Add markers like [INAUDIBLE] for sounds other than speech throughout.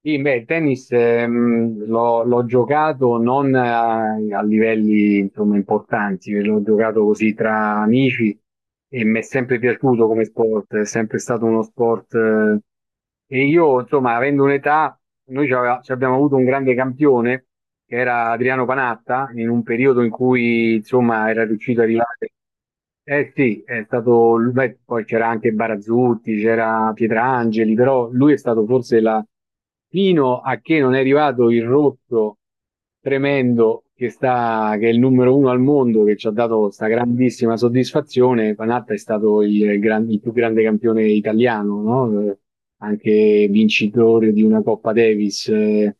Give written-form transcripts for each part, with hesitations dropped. Sì, beh, il tennis l'ho giocato non a, livelli, insomma, importanti, l'ho giocato così tra amici e mi è sempre piaciuto come sport, è sempre stato uno sport. E io, insomma, avendo un'età, ci abbiamo avuto un grande campione che era Adriano Panatta, in un periodo in cui, insomma, era riuscito a arrivare. Eh sì, è stato, beh, poi c'era anche Barazzutti, c'era Pietrangeli, però lui è stato forse la, fino a che non è arrivato il rotto tremendo che sta, che è il numero uno al mondo, che ci ha dato questa grandissima soddisfazione, Panatta è stato il più grande campione italiano, no? Anche vincitore di una Coppa Davis.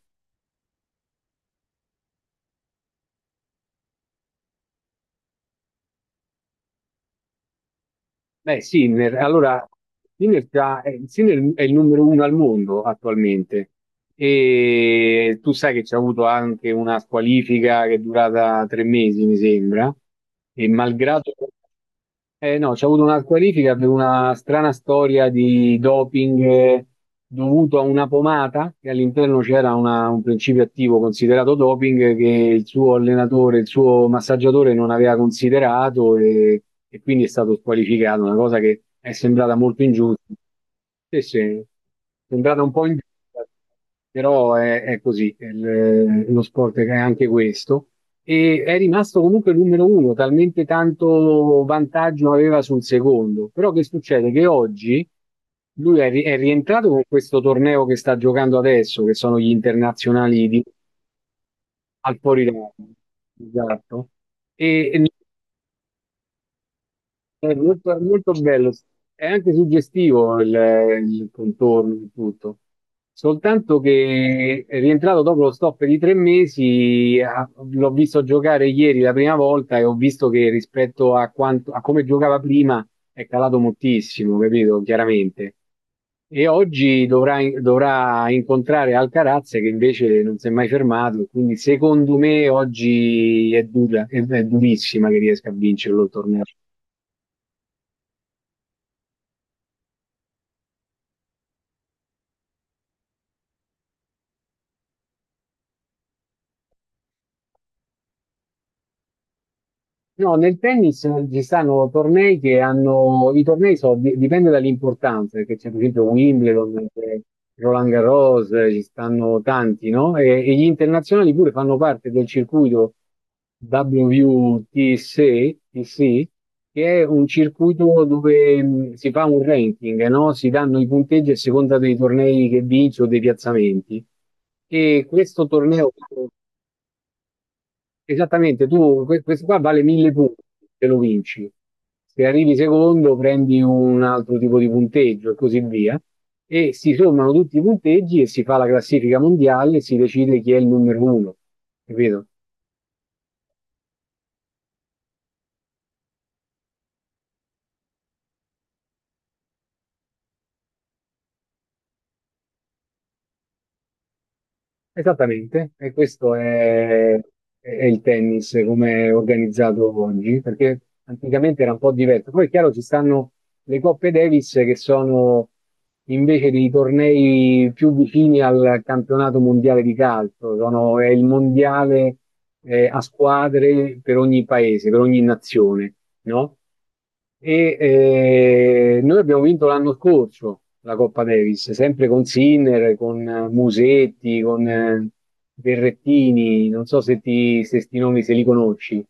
Beh, Sinner, allora Sinner, Sinner è il numero uno al mondo attualmente e tu sai che c'è avuto anche una squalifica che è durata 3 mesi, mi sembra, e malgrado, no, c'è avuto una qualifica per una strana storia di doping, dovuto a una pomata che all'interno c'era un principio attivo considerato doping, che il suo allenatore, il suo massaggiatore non aveva considerato e quindi è stato squalificato, una cosa che è sembrata molto ingiusta. Sì, sì, è sembrata un po' ingiusta, però è così, lo sport è anche questo e è rimasto comunque numero uno, talmente tanto vantaggio aveva sul secondo. Però che succede? Che oggi lui è rientrato con questo torneo che sta giocando adesso, che sono gli internazionali di, al fuori. Esatto. E è molto bello, è anche suggestivo il contorno di tutto, soltanto che è rientrato dopo lo stop di 3 mesi, ah, l'ho visto giocare ieri la prima volta e ho visto che rispetto a, quanto, a come giocava prima è calato moltissimo, capito? Chiaramente. E oggi dovrà incontrare Alcaraz che invece non si è mai fermato, quindi secondo me oggi è dura, è durissima che riesca a vincerlo il torneo. No, nel tennis ci stanno tornei che hanno, i tornei so, di- dipende dall'importanza, perché c'è per esempio Wimbledon, c'è Roland Garros, ci stanno tanti, no? E gli internazionali pure fanno parte del circuito WTC, TC, che è un circuito dove si fa un ranking, no? Si danno i punteggi a seconda dei tornei che vinci o dei piazzamenti. E questo torneo. Esattamente, tu questo qua vale 1000 punti se lo vinci. Se arrivi secondo prendi un altro tipo di punteggio e così via. E si sommano tutti i punteggi e si fa la classifica mondiale e si decide chi è il numero uno. Capito? Esattamente, e questo è il tennis come è organizzato oggi, perché anticamente era un po' diverso. Poi è chiaro ci stanno le Coppe Davis che sono invece dei tornei più vicini al campionato mondiale di calcio, è il mondiale, a squadre per ogni paese, per ogni nazione, no? Noi abbiamo vinto l'anno scorso la Coppa Davis, sempre con Sinner, con Musetti, con Berrettini, non so se sti nomi se li conosci.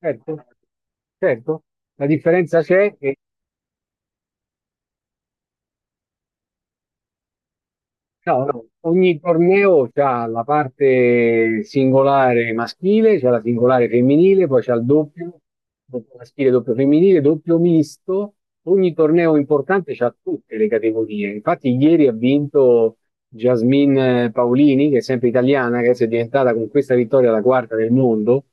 Certo, certo. La differenza c'è che. No, no, ogni torneo c'ha la parte singolare maschile, c'è la singolare femminile, poi c'è il doppio, doppio maschile, doppio femminile, doppio misto. Ogni torneo importante c'ha tutte le categorie. Infatti ieri ha vinto Jasmine Paolini, che è sempre italiana, che adesso è diventata con questa vittoria la quarta del mondo.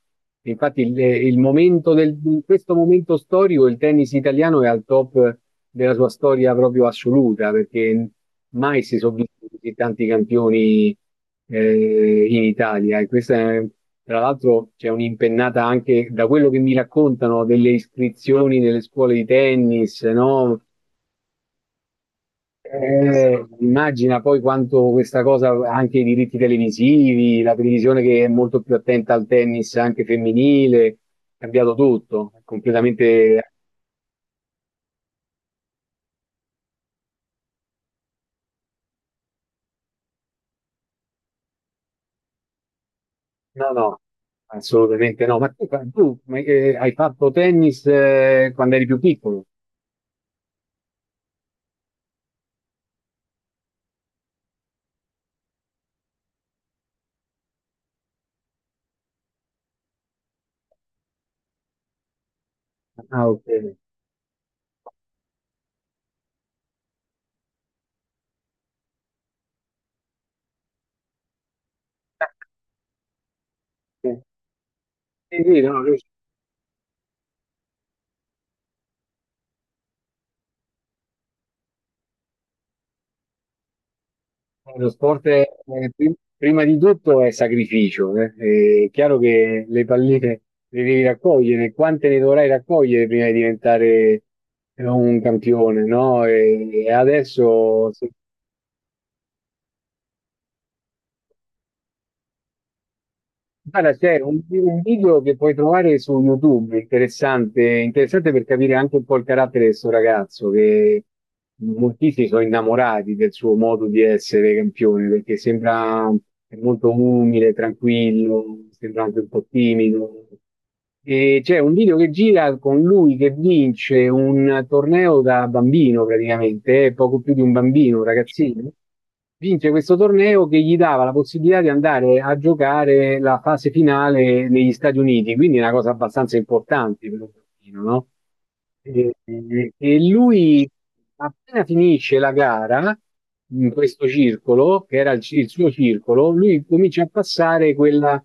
Infatti in questo momento storico il tennis italiano è al top della sua storia proprio assoluta, perché mai si sono visti così tanti campioni, in Italia. Tra l'altro c'è un'impennata anche da quello che mi raccontano delle iscrizioni nelle scuole di tennis, no? Immagina poi quanto questa cosa, anche i diritti televisivi, la televisione che è molto più attenta al tennis anche femminile, è cambiato tutto, è completamente. No, no, assolutamente no. Ma hai fatto tennis quando eri più piccolo? Ah, ok. Sì, sì, no. Lo sport prima di tutto è sacrificio, eh. È chiaro che le palline le devi raccogliere, quante ne dovrai raccogliere prima di diventare un campione, no? E adesso se. Guarda, c'è un video che puoi trovare su YouTube, interessante, interessante per capire anche un po' il carattere di questo ragazzo, che moltissimi sono innamorati del suo modo di essere campione, perché sembra molto umile, tranquillo, sembra anche un po' timido, e c'è un video che gira con lui che vince un torneo da bambino praticamente, poco più di un bambino, un ragazzino. Vince questo torneo che gli dava la possibilità di andare a giocare la fase finale negli Stati Uniti, quindi è una cosa abbastanza importante per un bambino, no? E, e lui appena finisce la gara in questo circolo, che era il suo circolo, lui comincia a passare quella,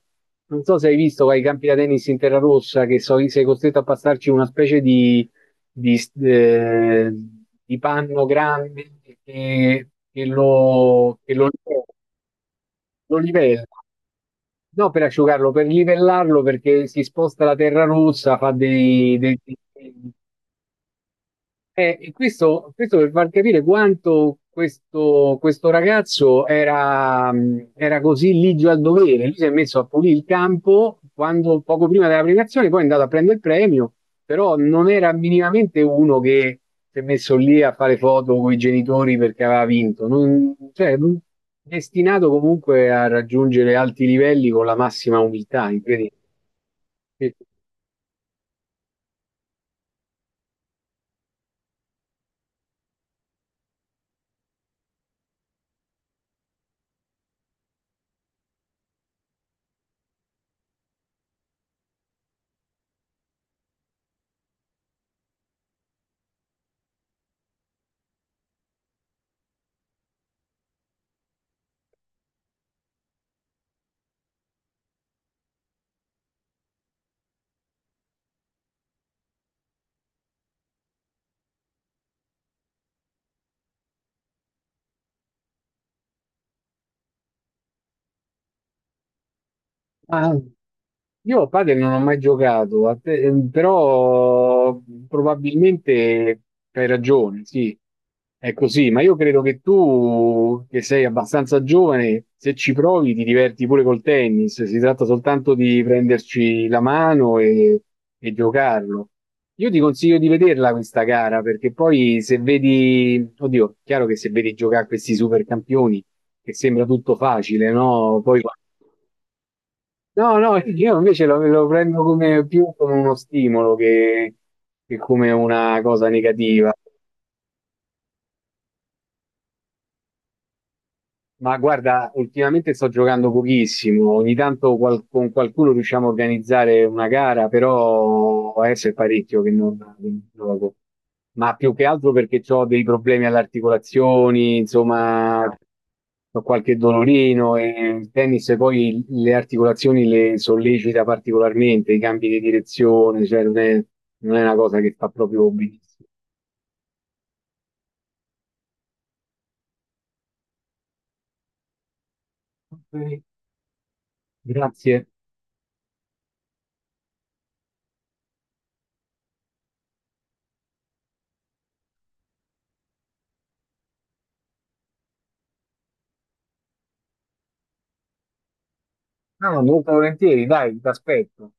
non so se hai visto ai campi da tennis in terra rossa, che sei costretto a passarci una specie di, eh, di panno grande che lo livella. No, per asciugarlo, per livellarlo, perché si sposta la terra rossa, fa dei. E questo per far capire quanto questo ragazzo era così ligio al dovere. Lui si è messo a pulire il campo quando, poco prima della premiazione, poi è andato a prendere il premio, però non era minimamente uno che si è messo lì a fare foto con i genitori perché aveva vinto. Cioè, destinato comunque a raggiungere alti livelli con la massima umiltà, incredibile. Sì. Ah, io a padel non ho mai giocato, però probabilmente hai ragione, sì, è così, ma io credo che tu, che sei abbastanza giovane, se ci provi ti diverti pure col tennis, si tratta soltanto di prenderci la mano e giocarlo. Io ti consiglio di vederla questa gara, perché poi se vedi, oddio, chiaro che se vedi giocare questi supercampioni, che sembra tutto facile, no? Poi. No, no, [LAUGHS] io invece lo prendo come, più come uno stimolo che come una cosa negativa. Ma guarda, ultimamente sto giocando pochissimo, ogni tanto con qualcuno riusciamo a organizzare una gara, però adesso è parecchio che non gioco. Ma più che altro perché ho dei problemi alle articolazioni, insomma, ho qualche dolorino e il tennis poi le articolazioni le sollecita particolarmente, i cambi di direzione, cioè non è una cosa che fa proprio benissimo. Ok. Grazie. No, no, molto volentieri, dai, ti aspetto.